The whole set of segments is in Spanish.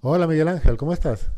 Hola Miguel Ángel, ¿cómo estás?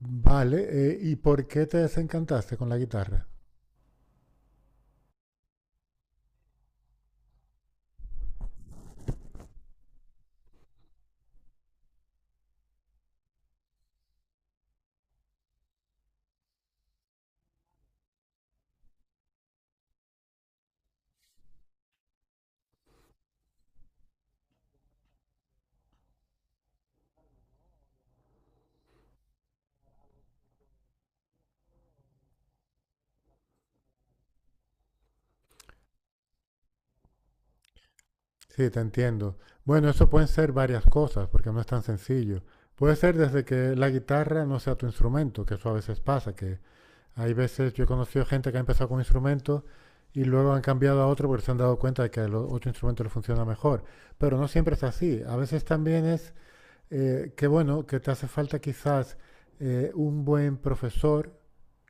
Vale, ¿y por qué te desencantaste con la guitarra? Sí, te entiendo. Bueno, eso pueden ser varias cosas, porque no es tan sencillo. Puede ser desde que la guitarra no sea tu instrumento, que eso a veces pasa, que hay veces yo he conocido gente que ha empezado con un instrumento y luego han cambiado a otro porque se han dado cuenta de que otro instrumento le funciona mejor. Pero no siempre es así. A veces también es que, bueno, que te hace falta quizás un buen profesor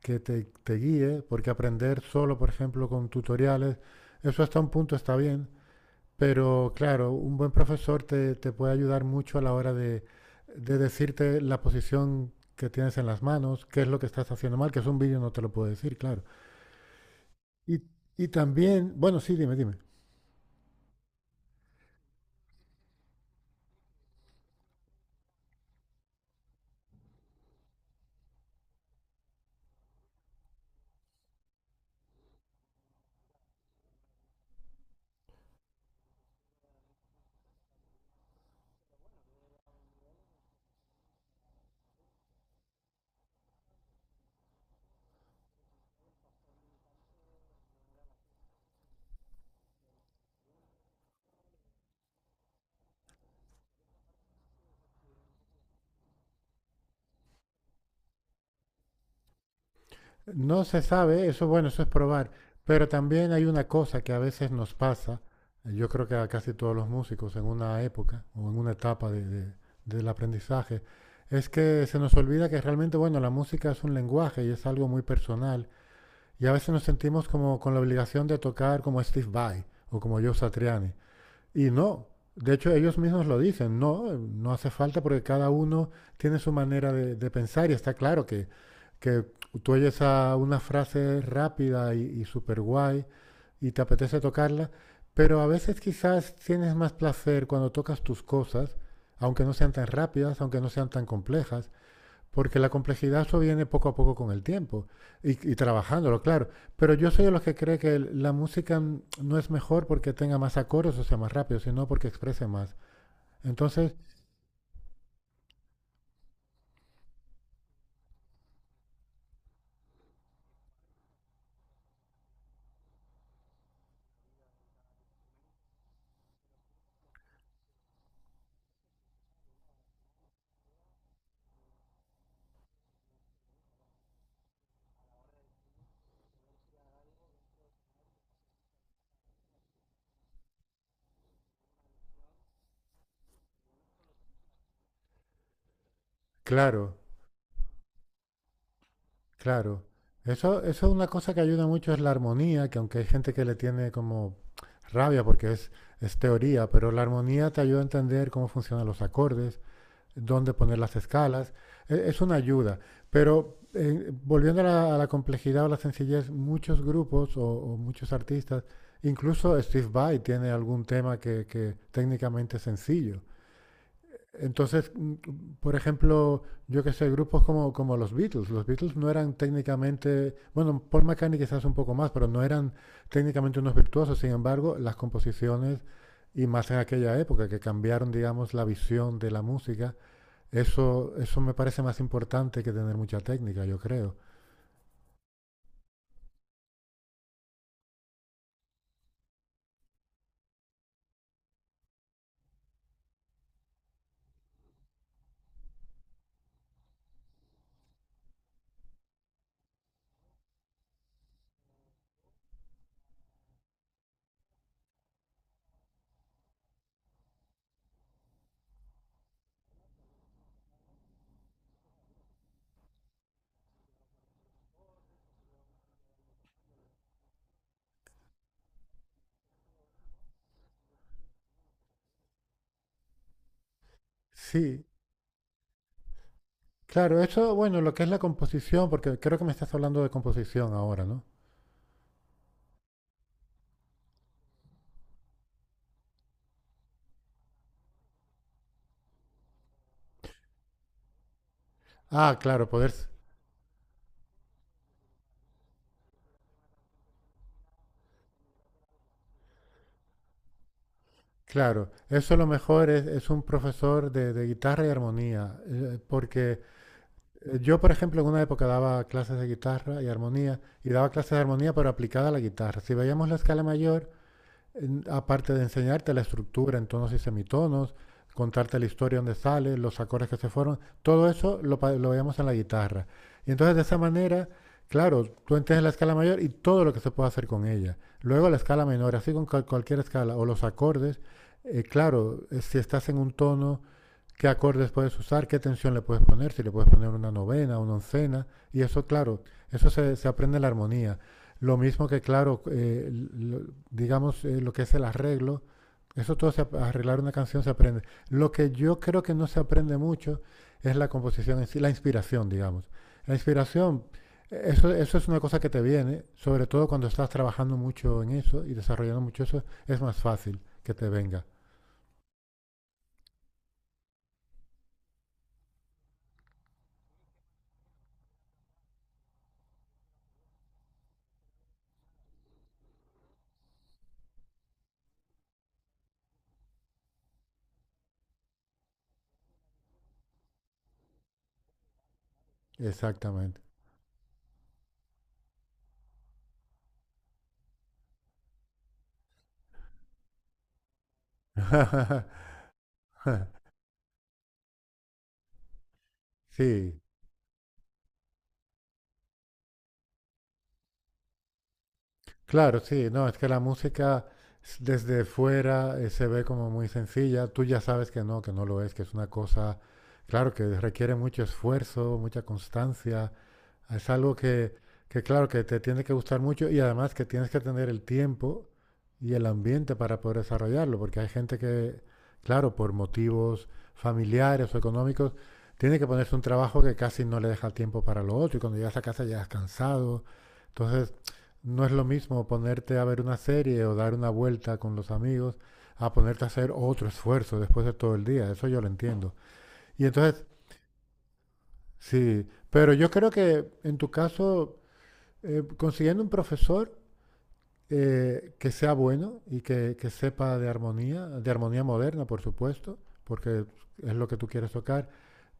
que te guíe, porque aprender solo, por ejemplo, con tutoriales, eso hasta un punto está bien, pero claro, un buen profesor te puede ayudar mucho a la hora de decirte la posición que tienes en las manos, qué es lo que estás haciendo mal, que es un vídeo no te lo puedo decir, claro. Y, y también, bueno, sí, dime, dime. No se sabe, eso bueno, eso es probar. Pero también hay una cosa que a veces nos pasa, yo creo que a casi todos los músicos en una época o en una etapa del aprendizaje, es que se nos olvida que realmente, bueno, la música es un lenguaje y es algo muy personal. Y a veces nos sentimos como con la obligación de tocar como Steve Vai o como Joe Satriani. Y no, de hecho ellos mismos lo dicen, no, no hace falta porque cada uno tiene su manera de pensar y está claro que tú oyes a una frase rápida y súper guay y te apetece tocarla, pero a veces quizás tienes más placer cuando tocas tus cosas, aunque no sean tan rápidas, aunque no sean tan complejas, porque la complejidad viene poco a poco con el tiempo y trabajándolo, claro. Pero yo soy de los que cree que la música no es mejor porque tenga más acordes o sea más rápido, sino porque exprese más. Entonces, claro, claro. Eso es una cosa que ayuda mucho, es la armonía, que aunque hay gente que le tiene como rabia porque es teoría, pero la armonía te ayuda a entender cómo funcionan los acordes, dónde poner las escalas. Es una ayuda, pero volviendo a a la complejidad o la sencillez, muchos grupos o muchos artistas, incluso Steve Vai tiene algún tema que técnicamente es sencillo. Entonces, por ejemplo, yo que sé, grupos como, como los Beatles. Los Beatles no eran técnicamente, bueno, Paul McCartney quizás un poco más, pero no eran técnicamente unos virtuosos. Sin embargo, las composiciones, y más en aquella época, que cambiaron, digamos, la visión de la música, eso me parece más importante que tener mucha técnica, yo creo. Sí, claro, eso, bueno, lo que es la composición, porque creo que me estás hablando de composición ahora, ¿no? Ah, claro, poder, claro, eso lo mejor es un profesor de guitarra y armonía, porque yo, por ejemplo, en una época daba clases de guitarra y armonía, y daba clases de armonía pero aplicada a la guitarra. Si veíamos la escala mayor, aparte de enseñarte la estructura en tonos y semitonos, contarte la historia donde sale, los acordes que se fueron, todo eso lo, lo veíamos en la guitarra. Y entonces de esa manera, claro, tú entiendes la escala mayor y todo lo que se puede hacer con ella. Luego la escala menor, así con cualquier escala, o los acordes, claro, si estás en un tono qué acordes puedes usar, qué tensión le puedes poner, si le puedes poner una novena, una oncena, y eso, claro, eso se aprende la armonía. Lo mismo que, claro, digamos, lo que es el arreglo, eso todo, se, arreglar una canción se aprende. Lo que yo creo que no se aprende mucho es la composición en sí, la inspiración, digamos. La inspiración, eso, eso es una cosa que te viene, sobre todo cuando estás trabajando mucho en eso y desarrollando mucho eso, es más fácil que te venga. Exactamente. Sí, claro, sí, no, es que la música desde fuera se ve como muy sencilla, tú ya sabes que no lo es, que es una cosa, claro, que requiere mucho esfuerzo, mucha constancia, es algo que claro, que te tiene que gustar mucho y además que tienes que tener el tiempo y el ambiente para poder desarrollarlo, porque hay gente que, claro, por motivos familiares o económicos, tiene que ponerse un trabajo que casi no le deja tiempo para lo otro y cuando llegas a casa ya has cansado. Entonces, no es lo mismo ponerte a ver una serie o dar una vuelta con los amigos a ponerte a hacer otro esfuerzo después de todo el día. Eso yo lo entiendo. Y entonces, sí, pero yo creo que en tu caso, consiguiendo un profesor que sea bueno y que sepa de armonía moderna, por supuesto, porque es lo que tú quieres tocar.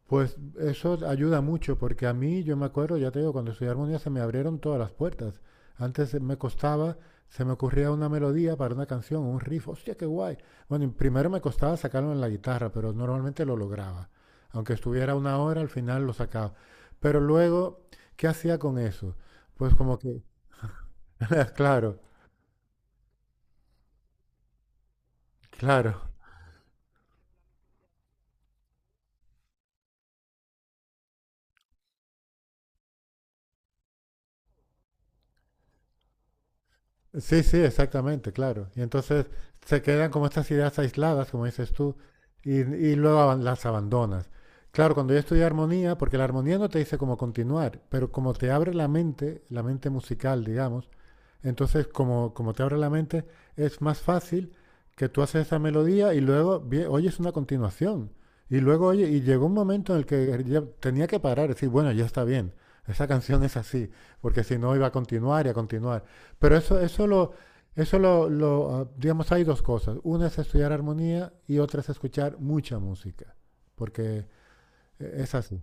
Pues eso ayuda mucho, porque a mí, yo me acuerdo, ya te digo, cuando estudié armonía se me abrieron todas las puertas. Antes me costaba, se me ocurría una melodía para una canción, un riff, hostia, qué guay. Bueno, y primero me costaba sacarlo en la guitarra, pero normalmente lo lograba. Aunque estuviera una hora, al final lo sacaba. Pero luego, ¿qué hacía con eso? Pues como que, claro, claro. Sí, sí, exactamente, claro. Y entonces se quedan como estas ideas aisladas, como dices tú, y luego las abandonas. Claro, cuando yo estudié armonía, porque la armonía no te dice cómo continuar, pero como te abre la mente musical, digamos, entonces como, como te abre la mente, es más fácil que tú haces esa melodía y luego oyes una continuación. Y luego, oye, y llegó un momento en el que ya tenía que parar, decir, bueno, ya está bien, esa canción es así, porque si no iba a continuar y a continuar. Pero eso, eso digamos, hay dos cosas. Una es estudiar armonía y otra es escuchar mucha música, porque es así.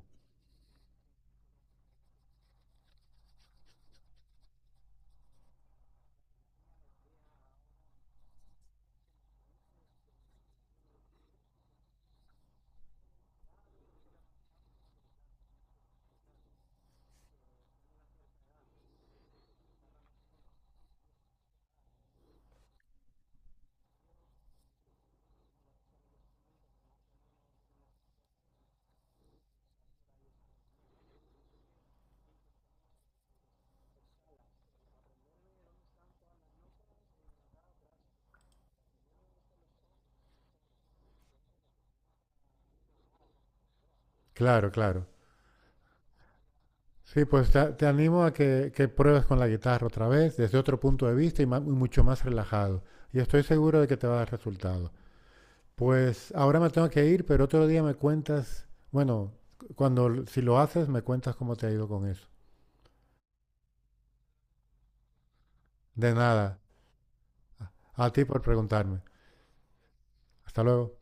Claro, claro. Sí, pues te animo a que pruebes con la guitarra otra vez, desde otro punto de vista y mucho más relajado. Y estoy seguro de que te va a dar resultado. Pues ahora me tengo que ir, pero otro día me cuentas, bueno, si lo haces, me cuentas cómo te ha ido con eso. De nada. A a ti por preguntarme. Hasta luego.